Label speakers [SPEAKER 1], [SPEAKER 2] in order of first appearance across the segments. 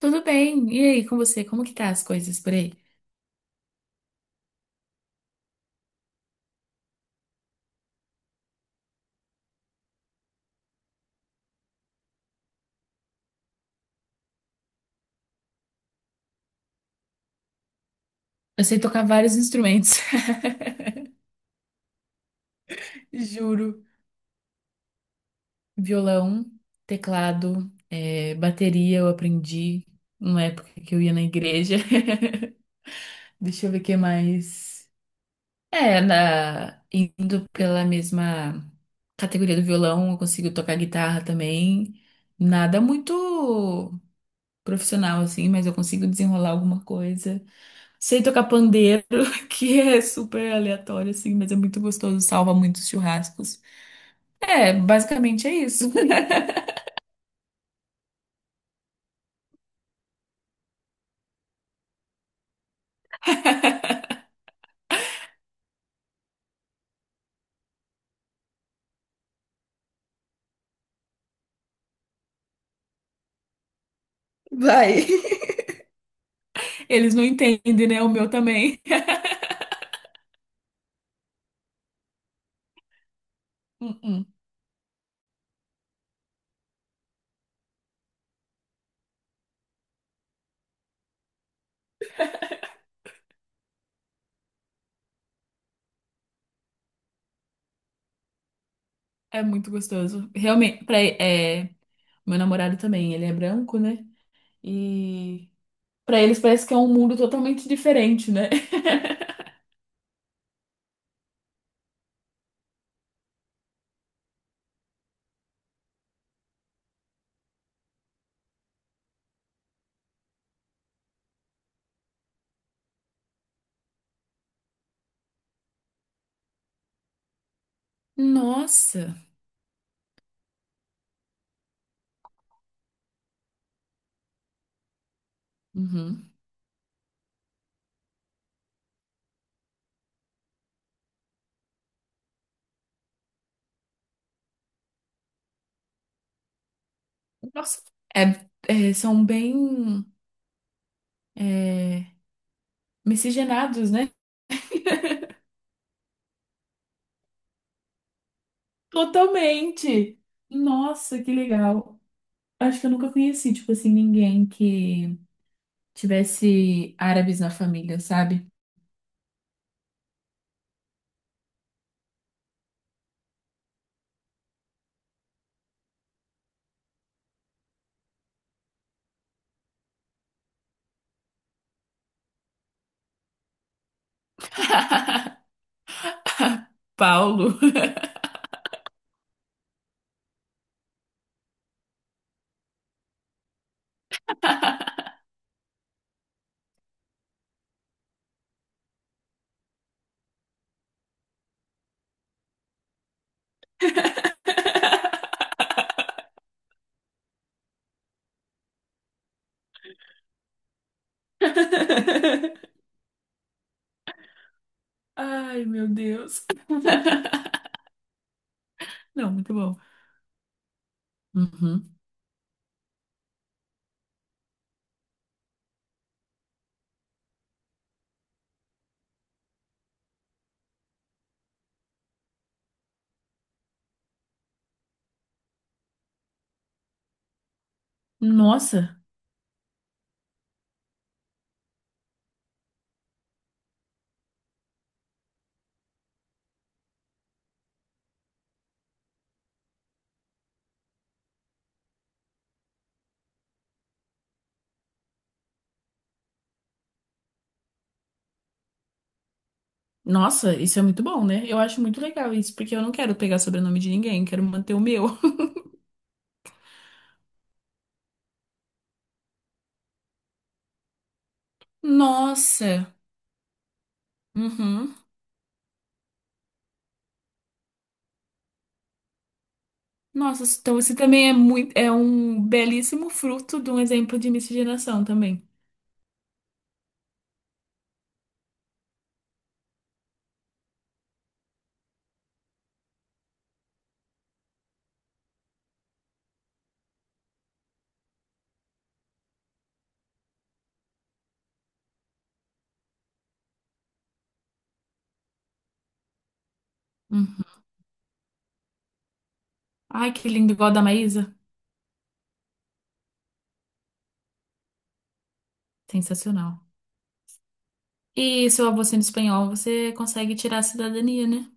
[SPEAKER 1] Tudo bem. E aí, com você? Como que tá as coisas por aí? Eu sei tocar vários instrumentos. Juro. Violão, teclado, é, bateria eu aprendi numa época que eu ia na igreja. Deixa eu ver o que mais. É, indo pela mesma categoria do violão, eu consigo tocar guitarra também. Nada muito profissional assim, mas eu consigo desenrolar alguma coisa. Sei tocar pandeiro, que é super aleatório, assim, mas é muito gostoso, salva muitos churrascos. É, basicamente é isso. Vai. Eles não entendem, né? O meu também. Uh-uh. É muito gostoso. Realmente, pra, é, meu namorado também, ele é branco, né? E pra eles parece que é um mundo totalmente diferente, né? Nossa! Uhum. Nossa! É- é, são bem é, miscigenados, né? Totalmente. Nossa, que legal. Acho que eu nunca conheci, tipo assim, ninguém que tivesse árabes na família, sabe? Paulo. Ai, meu Deus. Não, muito bom. Uhum. Nossa, nossa, isso é muito bom, né? Eu acho muito legal isso, porque eu não quero pegar sobrenome de ninguém, quero manter o meu. Nossa. Uhum. Nossa, então você também é muito, é um belíssimo fruto de um exemplo de miscigenação também. Uhum. Ai, que lindo, igual a da Maísa. Sensacional. E seu avô sendo espanhol, você consegue tirar a cidadania, né?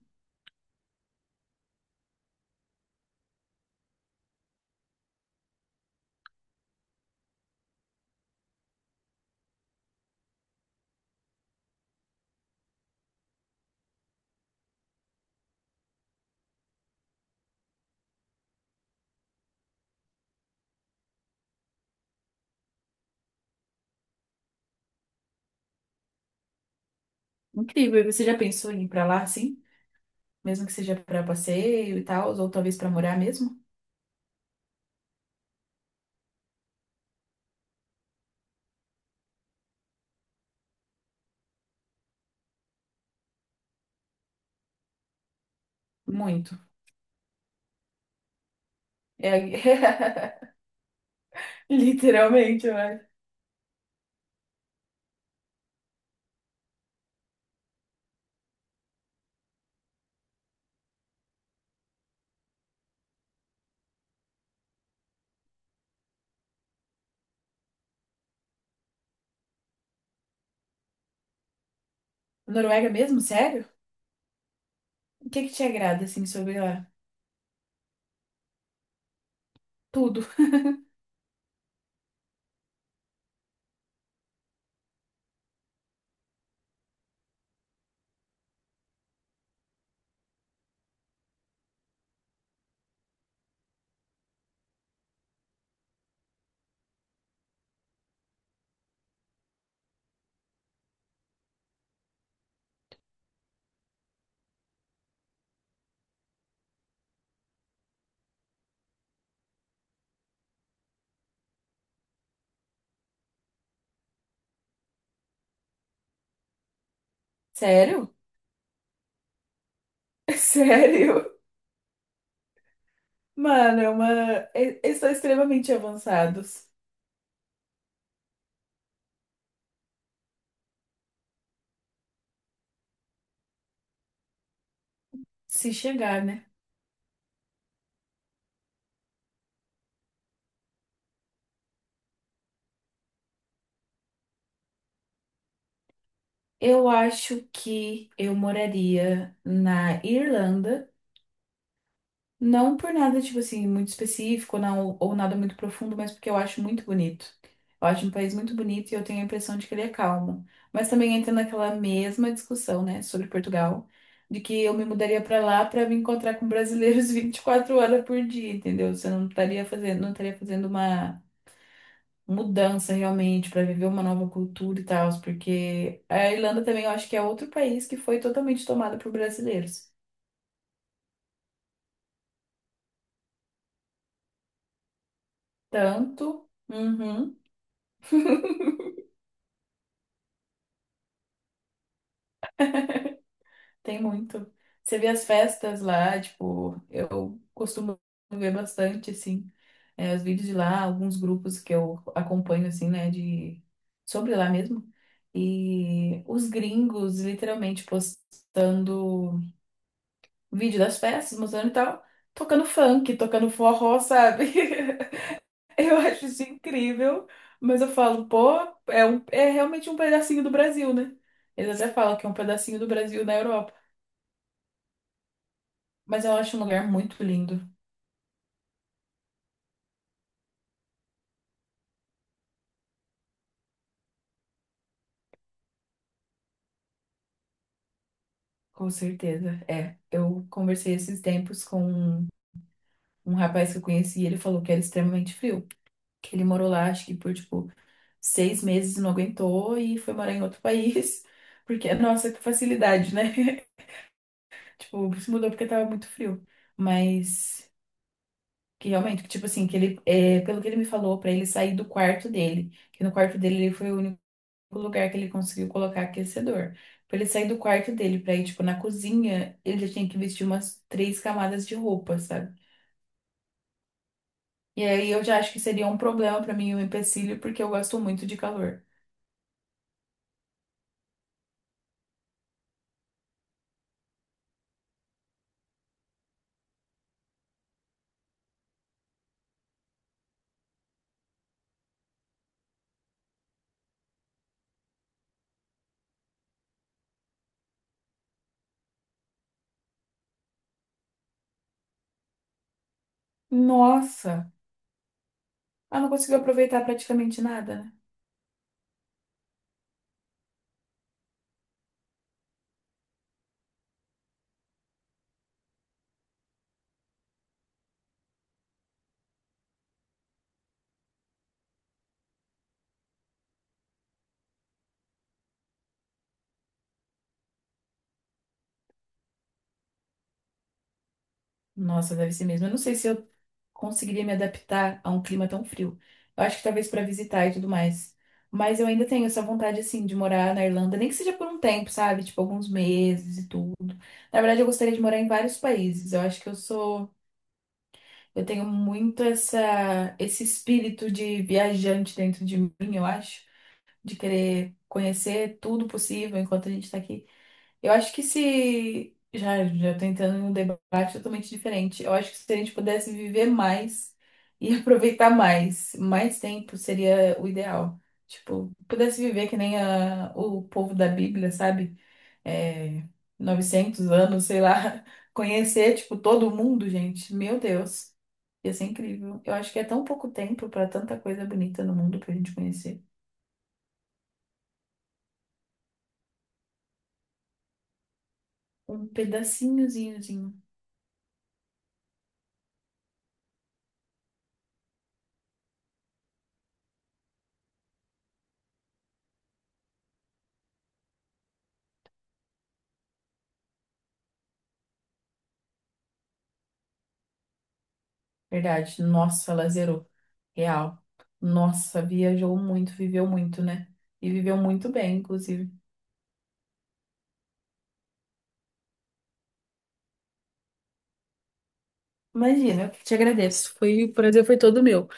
[SPEAKER 1] Incrível. E você já pensou em ir pra lá, assim? Mesmo que seja pra passeio e tal, ou talvez pra morar mesmo? Muito. É... Literalmente, ué. Noruega mesmo? Sério? O que que te agrada, assim, sobre lá? Tudo. Sério? Sério? Mano, é uma... eles são extremamente avançados. Se chegar, né? Eu acho que eu moraria na Irlanda, não por nada, tipo assim, muito específico, não, ou nada muito profundo, mas porque eu acho muito bonito. Eu acho um país muito bonito e eu tenho a impressão de que ele é calmo. Mas também entra naquela mesma discussão, né, sobre Portugal, de que eu me mudaria pra lá pra me encontrar com brasileiros 24 horas por dia, entendeu? Você não estaria fazendo uma mudança realmente para viver uma nova cultura e tal, porque a Irlanda também eu acho que é outro país que foi totalmente tomado por brasileiros. Tanto, uhum, tem muito. Você vê as festas lá, tipo, eu costumo ver bastante assim, é, os vídeos de lá, alguns grupos que eu acompanho assim, né, de sobre lá mesmo. E os gringos literalmente postando vídeo das festas, mostrando e tal, tocando funk, tocando forró, sabe? Eu acho isso incrível, mas eu falo, pô, é, é realmente um pedacinho do Brasil, né? Eles até falam que é um pedacinho do Brasil na Europa. Mas eu acho um lugar muito lindo, com certeza. É, eu conversei esses tempos com um rapaz que eu conheci e ele falou que era extremamente frio. Que ele morou lá, acho que por, tipo, 6 meses e não aguentou e foi morar em outro país. Porque, nossa, que facilidade, né? Tipo, se mudou porque tava muito frio. Mas. Que realmente, que, tipo assim, que ele, é, pelo que ele me falou, pra ele sair do quarto dele, que no quarto dele ele foi o único lugar que ele conseguiu colocar aquecedor. Pra ele sair do quarto dele pra ir, tipo, na cozinha, ele já tinha que vestir umas três camadas de roupa, sabe? E aí eu já acho que seria um problema pra mim, um empecilho, porque eu gosto muito de calor. Nossa! Ela não conseguiu aproveitar praticamente nada, né? Nossa, deve ser mesmo. Eu não sei se eu conseguiria me adaptar a um clima tão frio. Eu acho que talvez para visitar e tudo mais. Mas eu ainda tenho essa vontade, assim, de morar na Irlanda, nem que seja por um tempo, sabe? Tipo, alguns meses e tudo. Na verdade, eu gostaria de morar em vários países. Eu acho que eu sou. Eu tenho muito essa... esse espírito de viajante dentro de mim, eu acho. De querer conhecer tudo possível enquanto a gente tá aqui. Eu acho que se. Já tô entrando em um debate totalmente diferente. Eu acho que se a gente pudesse viver mais e aproveitar mais tempo seria o ideal. Tipo, pudesse viver que nem o povo da Bíblia, sabe? É, 900 anos, sei lá. Conhecer, tipo, todo mundo, gente. Meu Deus, ia ser incrível. Eu acho que é tão pouco tempo para tanta coisa bonita no mundo pra gente conhecer. Um pedacinhozinhozinho. Verdade. Nossa, ela zerou. Real. Nossa, viajou muito, viveu muito, né? E viveu muito bem, inclusive. Imagina, eu te agradeço. Foi, o prazer foi todo meu.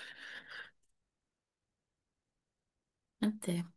[SPEAKER 1] Até.